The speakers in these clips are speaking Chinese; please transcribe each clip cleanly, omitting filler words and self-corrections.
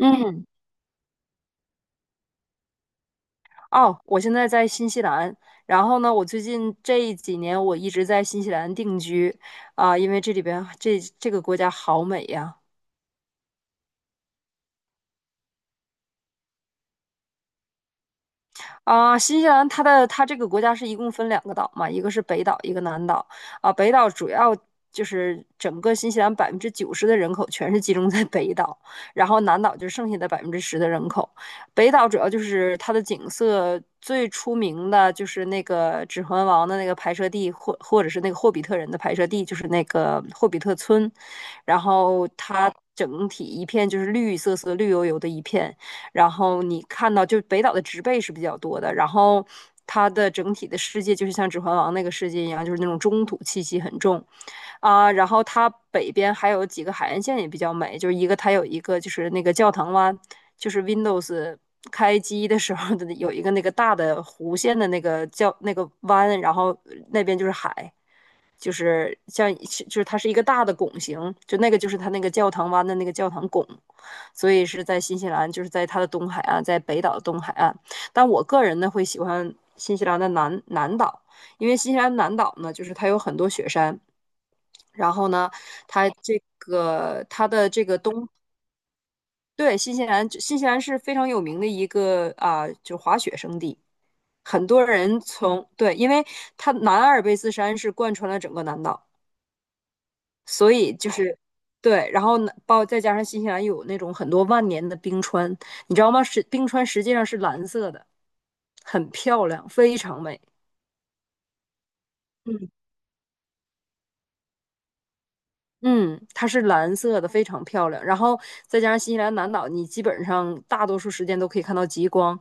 嗯，哦，我现在在新西兰，然后呢，我最近这几年我一直在新西兰定居。因为这里边这个国家好美呀。新西兰它这个国家是一共分两个岛嘛，一个是北岛，一个南岛。北岛主要就是整个新西兰90%的人口全是集中在北岛，然后南岛就剩下的10%的人口。北岛主要就是它的景色最出名的就是那个《指环王》的那个拍摄地，或者是那个霍比特人的拍摄地，就是那个霍比特村。然后它整体一片就是绿色色、绿油油的一片，然后你看到就是北岛的植被是比较多的，然后它的整体的世界就是像《指环王》那个世界一样，就是那种中土气息很重。然后它北边还有几个海岸线也比较美，就是一个它有一个就是那个教堂湾，就是 Windows 开机的时候的有一个那个大的弧线的那个叫那个湾，然后那边就是海，就是像就是它是一个大的拱形，就那个就是它那个教堂湾的那个教堂拱，所以是在新西兰，就是在它的东海岸，在北岛的东海岸。但我个人呢会喜欢新西兰的南岛，因为新西兰南岛呢就是它有很多雪山。然后呢，它这个它的这个东。对，新西兰是非常有名的一个就滑雪胜地，很多人从，对，因为它南阿尔卑斯山是贯穿了整个南岛，所以就是。对，然后呢，再加上新西兰有那种很多万年的冰川，你知道吗？是冰川实际上是蓝色的，很漂亮，非常美。嗯。嗯，它是蓝色的，非常漂亮。然后再加上新西兰南岛，你基本上大多数时间都可以看到极光。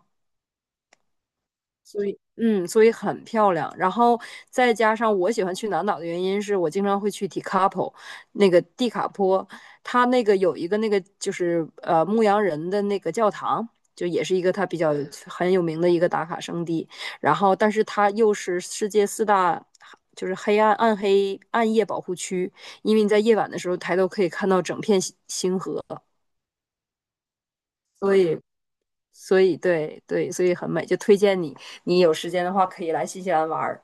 所以很漂亮。然后再加上我喜欢去南岛的原因是我经常会去 Tekapo,那个蒂卡坡，它那个有一个那个就是牧羊人的那个教堂，就也是一个它比较很有名的一个打卡圣地。然后，但是它又是世界四大就是黑暗暗黑暗夜保护区，因为你在夜晚的时候抬头可以看到整片星星河，所以所以对对，所以很美，就推荐你，你有时间的话可以来新西兰玩儿。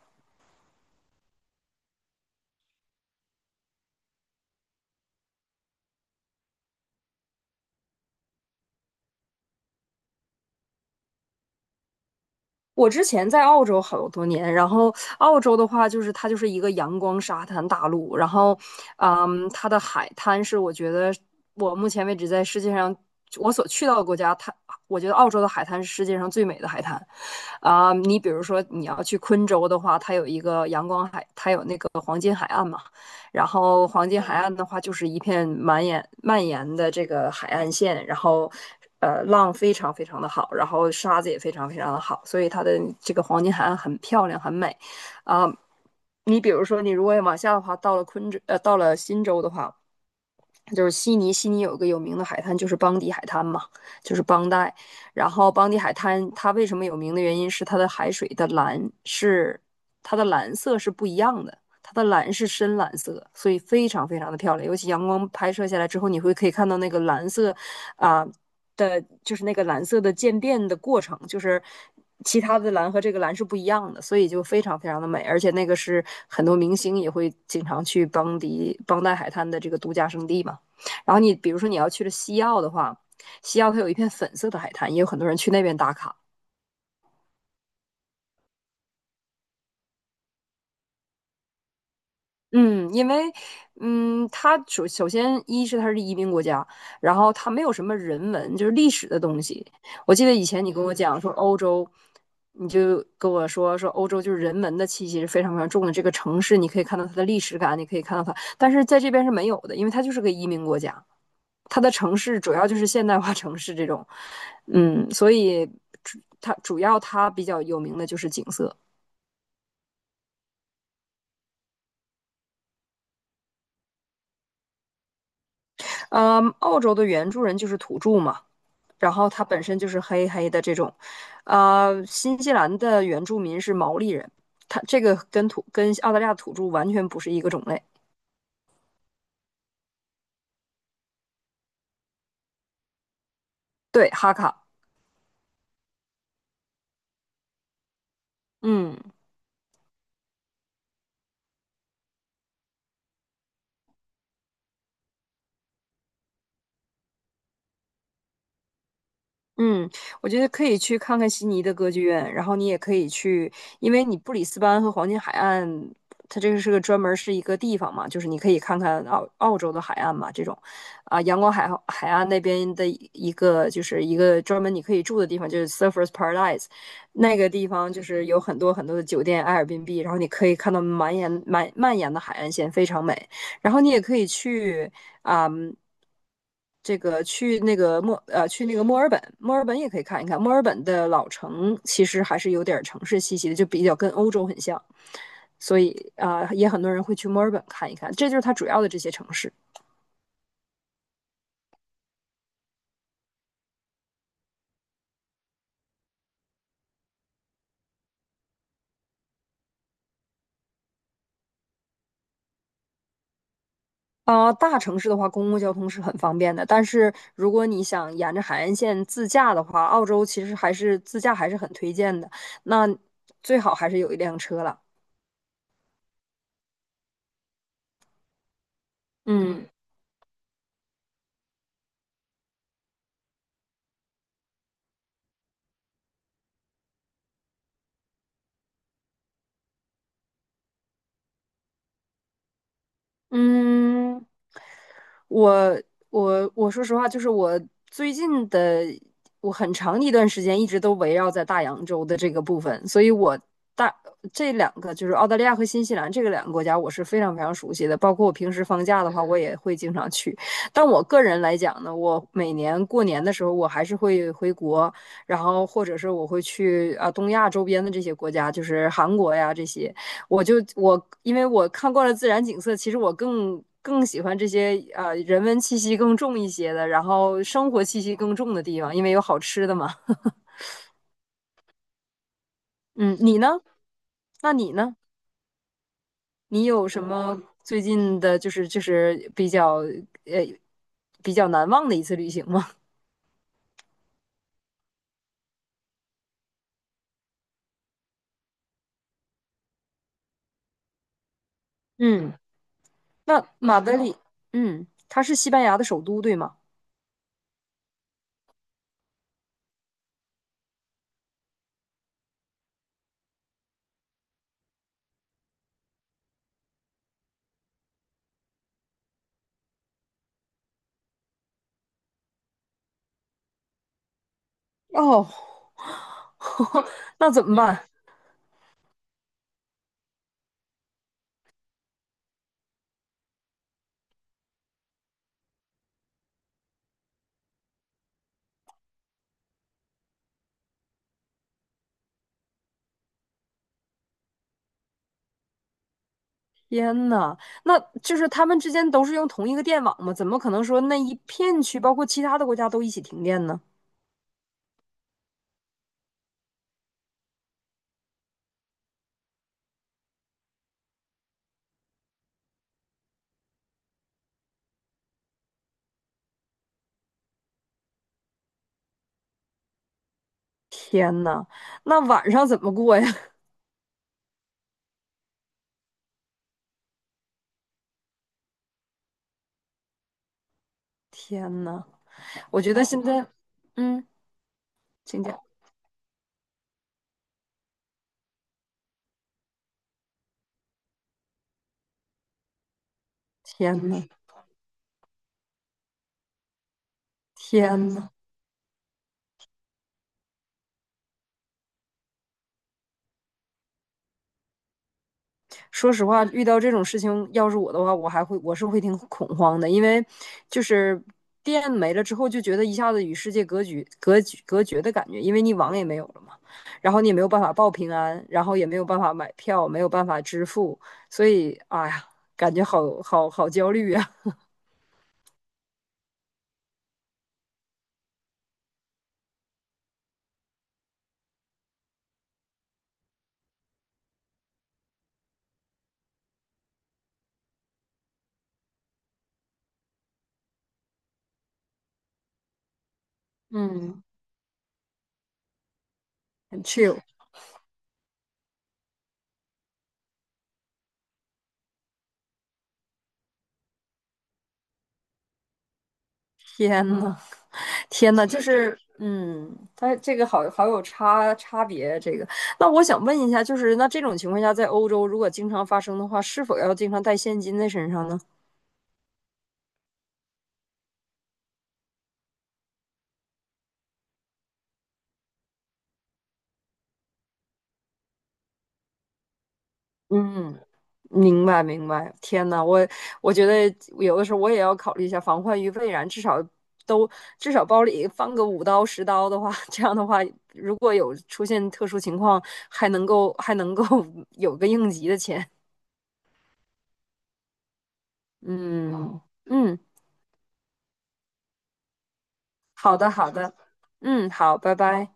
我之前在澳洲好多年，然后澳洲的话，就是它就是一个阳光沙滩大陆，然后，它的海滩是我觉得我目前为止在世界上我所去到的国家，它我觉得澳洲的海滩是世界上最美的海滩。你比如说你要去昆州的话，它有一个阳光海，然后黄金海岸的话，就是一片蔓延的这个海岸线，然后浪非常非常的好，然后沙子也非常非常的好，所以它的这个黄金海岸很漂亮，很美啊。你比如说，你如果往下的话，到了昆州，到了新州的话，就是悉尼。悉尼有一个有名的海滩，就是邦迪海滩嘛，就是邦代。然后邦迪海滩它为什么有名的原因是它的海水的蓝是它的蓝色是不一样的，它的蓝是深蓝色，所以非常非常的漂亮。尤其阳光拍摄下来之后，你会可以看到那个蓝色啊、的，就是那个蓝色的渐变的过程，就是其他的蓝和这个蓝是不一样的，所以就非常非常的美，而且那个是很多明星也会经常去邦代海滩的这个度假胜地嘛。然后你比如说你要去了西澳的话，西澳它有一片粉色的海滩，也有很多人去那边打卡。嗯，因为，它首先一是它是移民国家，然后它没有什么人文，就是历史的东西。我记得以前你跟我讲说欧洲，你就跟我说说欧洲就是人文的气息是非常非常重的。这个城市你可以看到它的历史感，你可以看到它，但是在这边是没有的，因为它就是个移民国家，它的城市主要就是现代化城市这种，所以它主要它比较有名的就是景色。嗯，澳洲的原住人就是土著嘛。然后它本身就是黑黑的这种。新西兰的原住民是毛利人，它这个跟澳大利亚土著完全不是一个种类。对，哈卡，嗯。嗯，我觉得可以去看看悉尼的歌剧院，然后你也可以去，因为你布里斯班和黄金海岸，它这个是个专门儿是一个地方嘛，就是你可以看看澳洲的海岸嘛，这种。阳光海岸那边的一个就是一个专门你可以住的地方，就是 Surfers Paradise,那个地方就是有很多很多的酒店 Airbnb,然后你可以看到满眼满蔓延的海岸线，非常美。然后你也可以去啊、嗯这个去那个墨尔本，墨尔本也可以看一看。墨尔本的老城其实还是有点城市气息的，就比较跟欧洲很像，所以也很多人会去墨尔本看一看。这就是它主要的这些城市。大城市的话，公共交通是很方便的，但是如果你想沿着海岸线自驾的话，澳洲其实还是自驾还是很推荐的。那最好还是有一辆车了。嗯。嗯，我我说实话，就是我最近的我很长一段时间一直都围绕在大洋洲的这个部分，所以我大这两个就是澳大利亚和新西兰这个两个国家，我是非常非常熟悉的。包括我平时放假的话，我也会经常去。但我个人来讲呢，我每年过年的时候，我还是会回国，然后或者是我会去东亚周边的这些国家，就是韩国呀这些。我因为我看惯了自然景色，其实我更喜欢这些人文气息更重一些的，然后生活气息更重的地方，因为有好吃的嘛。嗯，那你呢？你有什么最近的，就是呃比较难忘的一次旅行吗？嗯 那马德里，嗯，它是西班牙的首都，对吗？哦，那怎么办？天呐，那就是他们之间都是用同一个电网吗？怎么可能说那一片区，包括其他的国家都一起停电呢？天呐，那晚上怎么过呀？天呐，我觉得现在，嗯，请讲。天呐，天呐。说实话，遇到这种事情，要是我的话，我是会挺恐慌的，因为就是电没了之后，就觉得一下子与世界隔绝、隔绝、隔绝的感觉，因为你网也没有了嘛，然后你也没有办法报平安，然后也没有办法买票，没有办法支付，所以哎呀，感觉好好好焦虑呀。嗯，很 chill,天呐，天呐，就是，它这个好有差别。这个，那我想问一下，就是那这种情况下，在欧洲如果经常发生的话，是否要经常带现金在身上呢？嗯，明白明白。天呐，我觉得有的时候我也要考虑一下，防患于未然，都至少包里放个$5$10的话，这样的话，如果有出现特殊情况，还能够 有个应急的钱。嗯嗯。好的，好的，嗯，好，拜拜。